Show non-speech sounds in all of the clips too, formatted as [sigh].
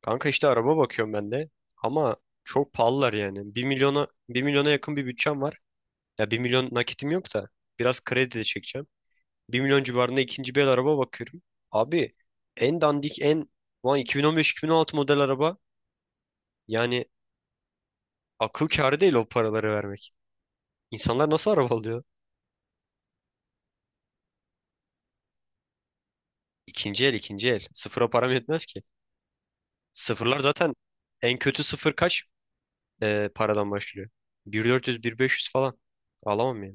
Kanka, işte araba bakıyorum ben de. Ama çok pahalılar yani. Bir milyona yakın bir bütçem var. Ya, bir milyon nakitim yok da biraz kredi de çekeceğim. Bir milyon civarında ikinci bir el araba bakıyorum. Abi, en dandik en lan 2015-2016 model araba, yani akıl kârı değil o paraları vermek. İnsanlar nasıl araba alıyor? İkinci el, ikinci el. Sıfıra param yetmez ki. Sıfırlar zaten, en kötü sıfır kaç paradan başlıyor? Bin dört yüz, bin beş yüz falan. Alamam ya.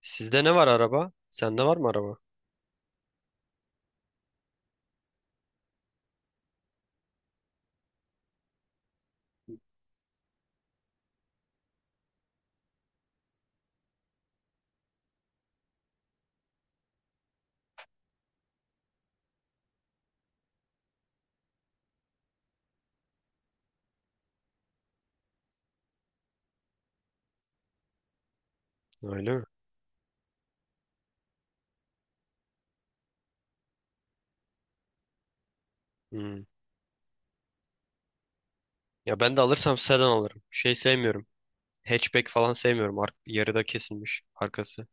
Sizde ne var araba? Sende var mı araba? Öyle mi? Hmm. Ya, ben de alırsam sedan alırım. Şey sevmiyorum. Hatchback falan sevmiyorum. Ar yarıda kesilmiş arkası.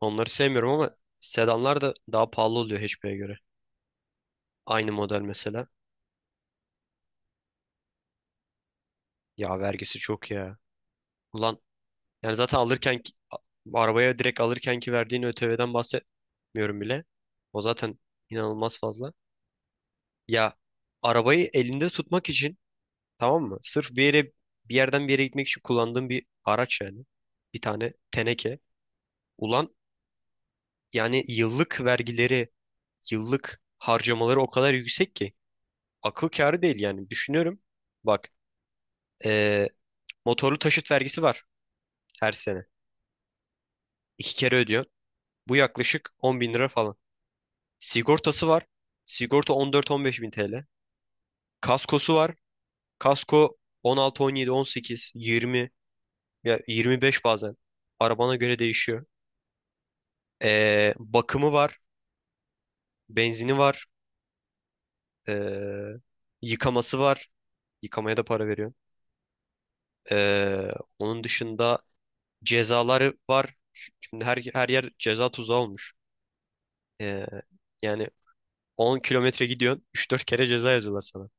Onları sevmiyorum ama sedanlar da daha pahalı oluyor hatchback'e göre. Aynı model mesela. Ya, vergisi çok ya. Ulan, yani zaten arabaya direkt alırken ki verdiğin ÖTV'den bahsetmiyorum bile. O zaten inanılmaz fazla. Ya, arabayı elinde tutmak için, tamam mı? Sırf bir yerden bir yere gitmek için kullandığım bir araç yani. Bir tane teneke. Ulan, yani yıllık vergileri, yıllık harcamaları o kadar yüksek ki akıl kârı değil yani. Düşünüyorum. Bak, eee, motorlu taşıt vergisi var her sene. İki kere ödüyor. Bu yaklaşık 10 bin lira falan. Sigortası var. Sigorta 14-15 bin TL. Kaskosu var. Kasko 16, 17, 18, 20, ya 25 bazen. Arabana göre değişiyor. Bakımı var, benzini var, ee, yıkaması var. Yıkamaya da para veriyorum. Ee, onun dışında cezaları var. Şimdi her yer ceza tuzağı olmuş. Ee, yani 10 kilometre gidiyorsun, üç dört kere ceza yazıyorlar sana.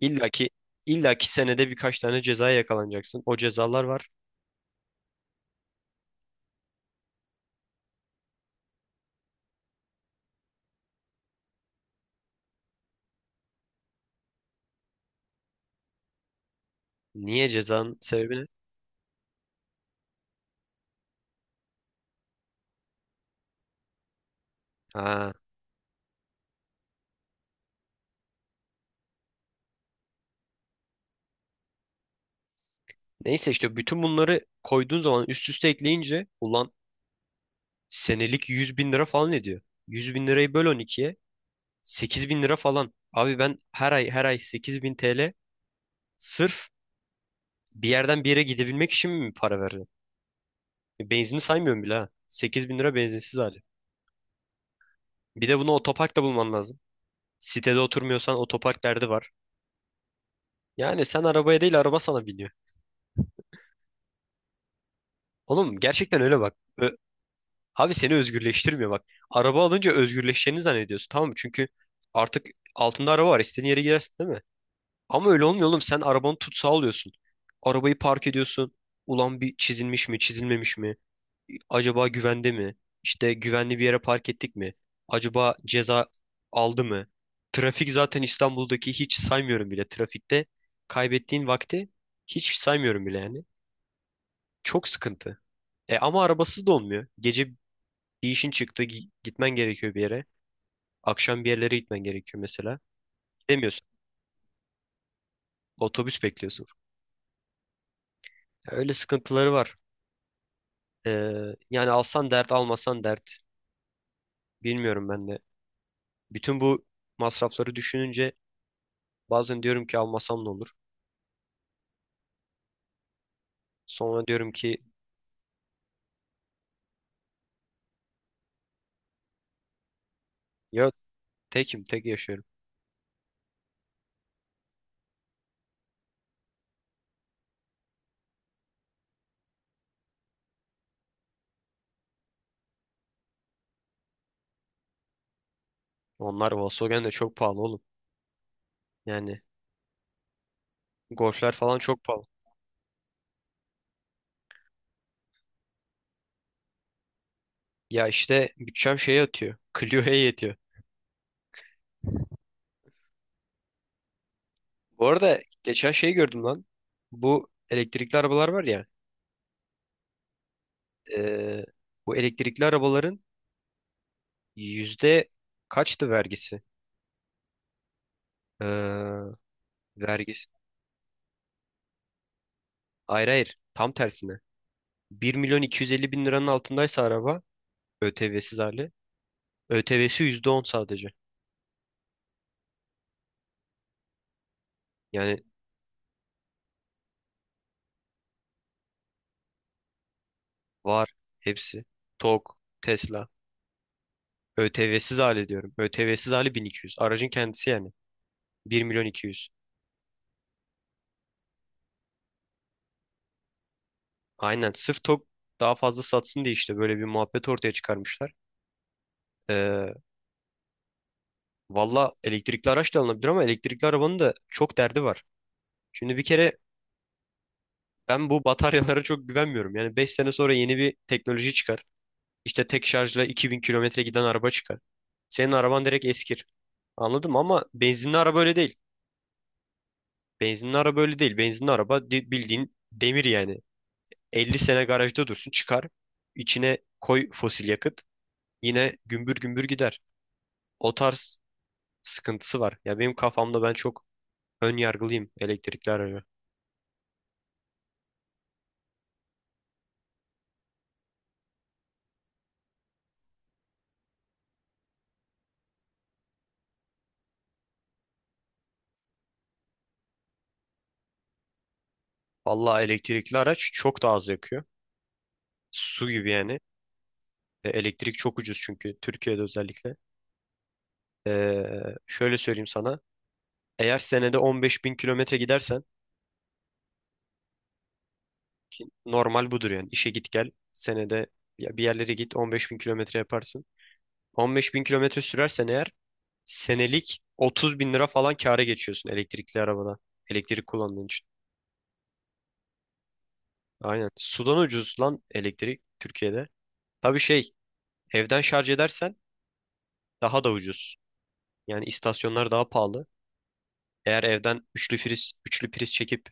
İlla ki, illa ki senede birkaç tane cezaya yakalanacaksın. O cezalar var. Niye, cezanın sebebi ne? Ha, neyse, işte bütün bunları koyduğun zaman üst üste ekleyince, ulan senelik 100 bin lira falan ediyor. 100 bin lirayı böl on ikiye. 8 bin lira falan. Abi, ben her ay her ay 8 bin TL sırf bir yerden bir yere gidebilmek için mi para verdim? Benzini saymıyorum bile ha. 8 bin lira benzinsiz hali. Bir de bunu otoparkta bulman lazım. Sitede oturmuyorsan otopark derdi var. Yani sen arabaya değil, araba sana biniyor. Oğlum, gerçekten öyle bak. Abi, seni özgürleştirmiyor bak. Araba alınca özgürleşeceğini zannediyorsun, tamam mı? Çünkü artık altında araba var. İstediğin yere girersin, değil mi? Ama öyle olmuyor oğlum. Sen arabanı tutsağı alıyorsun. Arabayı park ediyorsun. Ulan, bir çizilmiş mi, çizilmemiş mi? Acaba güvende mi? İşte güvenli bir yere park ettik mi? Acaba ceza aldı mı? Trafik zaten, İstanbul'daki hiç saymıyorum bile. Trafikte kaybettiğin vakti hiç saymıyorum bile yani. Çok sıkıntı. E ama arabasız da olmuyor. Gece bir işin çıktı, gitmen gerekiyor bir yere. Akşam bir yerlere gitmen gerekiyor mesela. Demiyorsun, otobüs bekliyorsun. Ya, öyle sıkıntıları var. Ee, yani alsan dert, almasan dert. Bilmiyorum ben de. Bütün bu masrafları düşününce bazen diyorum ki, almasam ne olur. Sonra diyorum ki, ya tekim, tek yaşıyorum. Onlar, Volkswagen de çok pahalı oğlum. Yani Golf'ler falan çok pahalı. Ya işte, bütçem şeye yatıyor. [laughs] Clio'ya yetiyor. Bu arada geçen şey gördüm lan. Bu elektrikli arabalar var ya. ee, bu elektrikli arabaların yüzde kaçtı vergisi? Ee, vergisi. Hayır, hayır. Tam tersine. Bir milyon 250 bin liranın altındaysa araba ÖTV'siz hali. ÖTV'si %10 sadece. Yani var, hepsi. TOG, Tesla. ÖTV'siz hali diyorum. ÖTV'siz hali bin iki yüz, aracın kendisi yani. Bir milyon iki yüz. Aynen. Sırf TOG daha fazla satsın diye, işte böyle bir muhabbet ortaya çıkarmışlar. Ee, valla elektrikli araç da alınabilir ama elektrikli arabanın da çok derdi var. Şimdi bir kere, ben bu bataryalara çok güvenmiyorum. Yani 5 sene sonra yeni bir teknoloji çıkar. İşte tek şarjla 2 bin kilometre giden araba çıkar. Senin araban direkt eskir. Anladım ama benzinli araba öyle değil. Benzinli araba öyle değil. Benzinli araba bildiğin demir yani. 50 sene garajda dursun çıkar. İçine koy fosil yakıt. Yine gümbür gümbür gider. O tarz sıkıntısı var. Ya, benim kafamda ben çok ön yargılıyım elektrikli araca. Vallahi elektrikli araç çok daha az yakıyor. Su gibi yani. E, elektrik çok ucuz çünkü Türkiye'de özellikle. Ee, şöyle söyleyeyim sana. Eğer senede 15 bin kilometre gidersen, normal budur yani. İşe git gel, senede ya bir yerlere git, 15 bin kilometre yaparsın. 15 bin kilometre sürersen eğer, senelik 30 bin lira falan kâra geçiyorsun elektrikli arabada. Elektrik kullandığın için. Aynen. Sudan ucuz lan elektrik Türkiye'de. Tabii, şey, evden şarj edersen daha da ucuz. Yani istasyonlar daha pahalı. Eğer evden üçlü priz çekip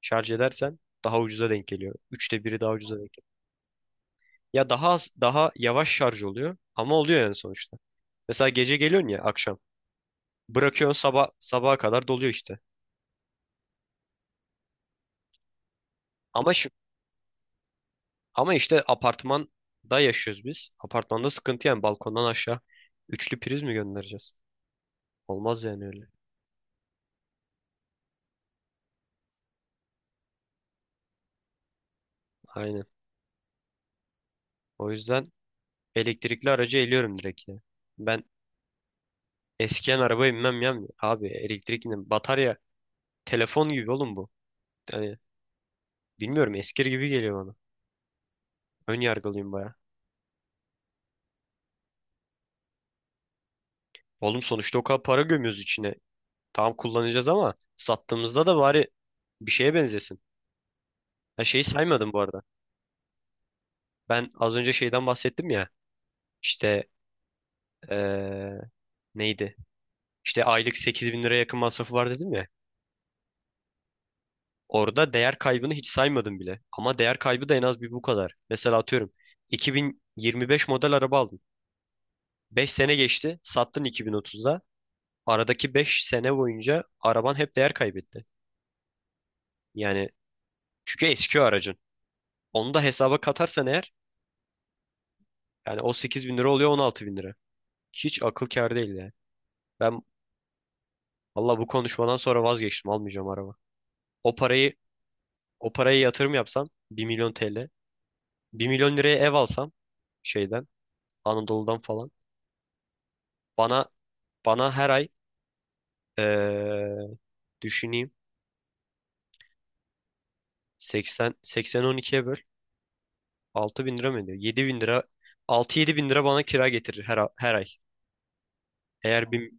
şarj edersen daha ucuza denk geliyor. Üçte biri daha ucuza denk. Ya daha az, daha yavaş şarj oluyor ama oluyor yani sonuçta. Mesela gece geliyorsun, ya akşam. Bırakıyorsun, sabah sabaha kadar doluyor işte. Ama şi- Ama işte apartmanda yaşıyoruz biz. Apartmanda sıkıntı yani, balkondan aşağı üçlü priz mi göndereceğiz? Olmaz yani öyle. Aynen. O yüzden elektrikli aracı eliyorum direkt ya. Ben eskiyen arabaya binmem ya. Abi, elektrikli batarya telefon gibi oğlum bu. Yani bilmiyorum, eskir gibi geliyor bana. Ön yargılıyım baya. Oğlum, sonuçta o kadar para gömüyoruz içine. Tamam, kullanacağız ama sattığımızda da bari bir şeye benzesin. Ha, şeyi saymadım bu arada. Ben az önce şeyden bahsettim ya. İşte eee, neydi? İşte aylık 8 bin liraya yakın masrafı var dedim ya. Orada değer kaybını hiç saymadım bile. Ama değer kaybı da en az bir bu kadar. Mesela atıyorum, 2025 model araba aldın. 5 sene geçti, sattın 2030'da. Aradaki 5 sene boyunca araban hep değer kaybetti. Yani, çünkü eski o aracın. Onu da hesaba katarsan eğer, yani o 8 bin lira oluyor 16 bin lira. Hiç akıl kâr değil ya. Ben valla bu konuşmadan sonra vazgeçtim. Almayacağım araba. O parayı o parayı yatırım yapsam, bir milyon TL. Bir milyon liraya ev alsam şeyden, Anadolu'dan falan. Bana bana her ay eee, düşüneyim. 80 12'ye böl. 6 bin lira mı ediyor? 7 bin lira, 6-7 bin lira bana kira getirir her ay. Eğer bir,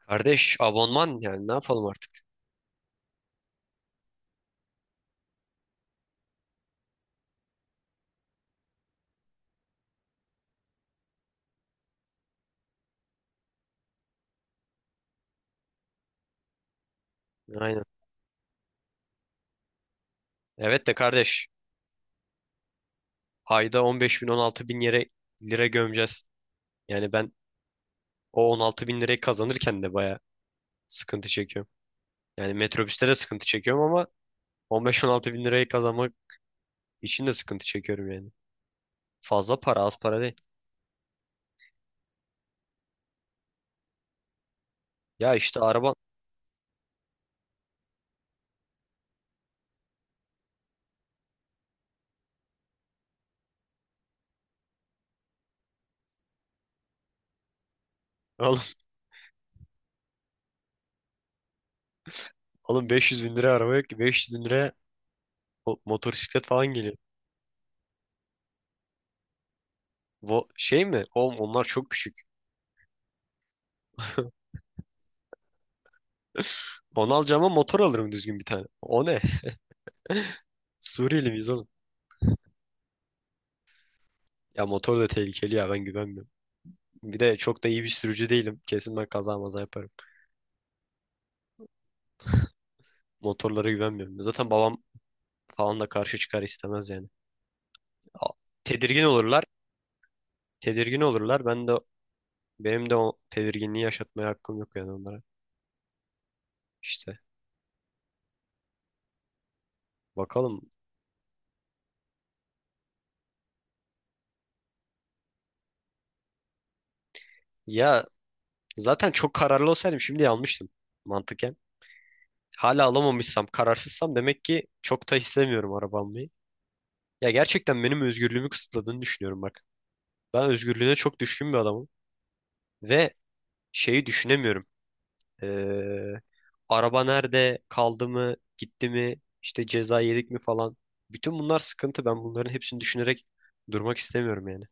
kardeş, abonman yani ne yapalım artık? Aynen. Evet de kardeş, ayda 15 bin 16 bin yere lira gömeceğiz. Yani ben, o 16 bin lirayı kazanırken de baya sıkıntı çekiyorum. Yani metrobüste de sıkıntı çekiyorum ama 15-16 bin lirayı kazanmak için de sıkıntı çekiyorum yani. Fazla para, az para değil. Ya işte, araba [laughs] alın, alın, 500 bin liraya araba yok ki, 500 bin liraya o motosiklet falan geliyor. Bu şey mi? Oğlum onlar çok küçük. Onu alacağıma motor alırım düzgün bir tane. O ne? [laughs] Suriyeli miyiz oğlum? Ya motor da tehlikeli ya, ben güvenmiyorum. Bir de çok da iyi bir sürücü değilim. Kesin ben kaza maza yaparım. Motorlara güvenmiyorum. Zaten babam falan da karşı çıkar, istemez yani. A- Tedirgin olurlar. Tedirgin olurlar. Ben de, benim de o tedirginliği yaşatmaya hakkım yok yani onlara. İşte bakalım. Ya, zaten çok kararlı olsaydım şimdi almıştım mantıken. Hala alamamışsam, kararsızsam demek ki çok da istemiyorum araba almayı. Ya, gerçekten benim özgürlüğümü kısıtladığını düşünüyorum bak. Ben özgürlüğüne çok düşkün bir adamım ve şeyi düşünemiyorum. Ee, araba nerede kaldı mı, gitti mi, işte ceza yedik mi falan. Bütün bunlar sıkıntı. Ben bunların hepsini düşünerek durmak istemiyorum yani.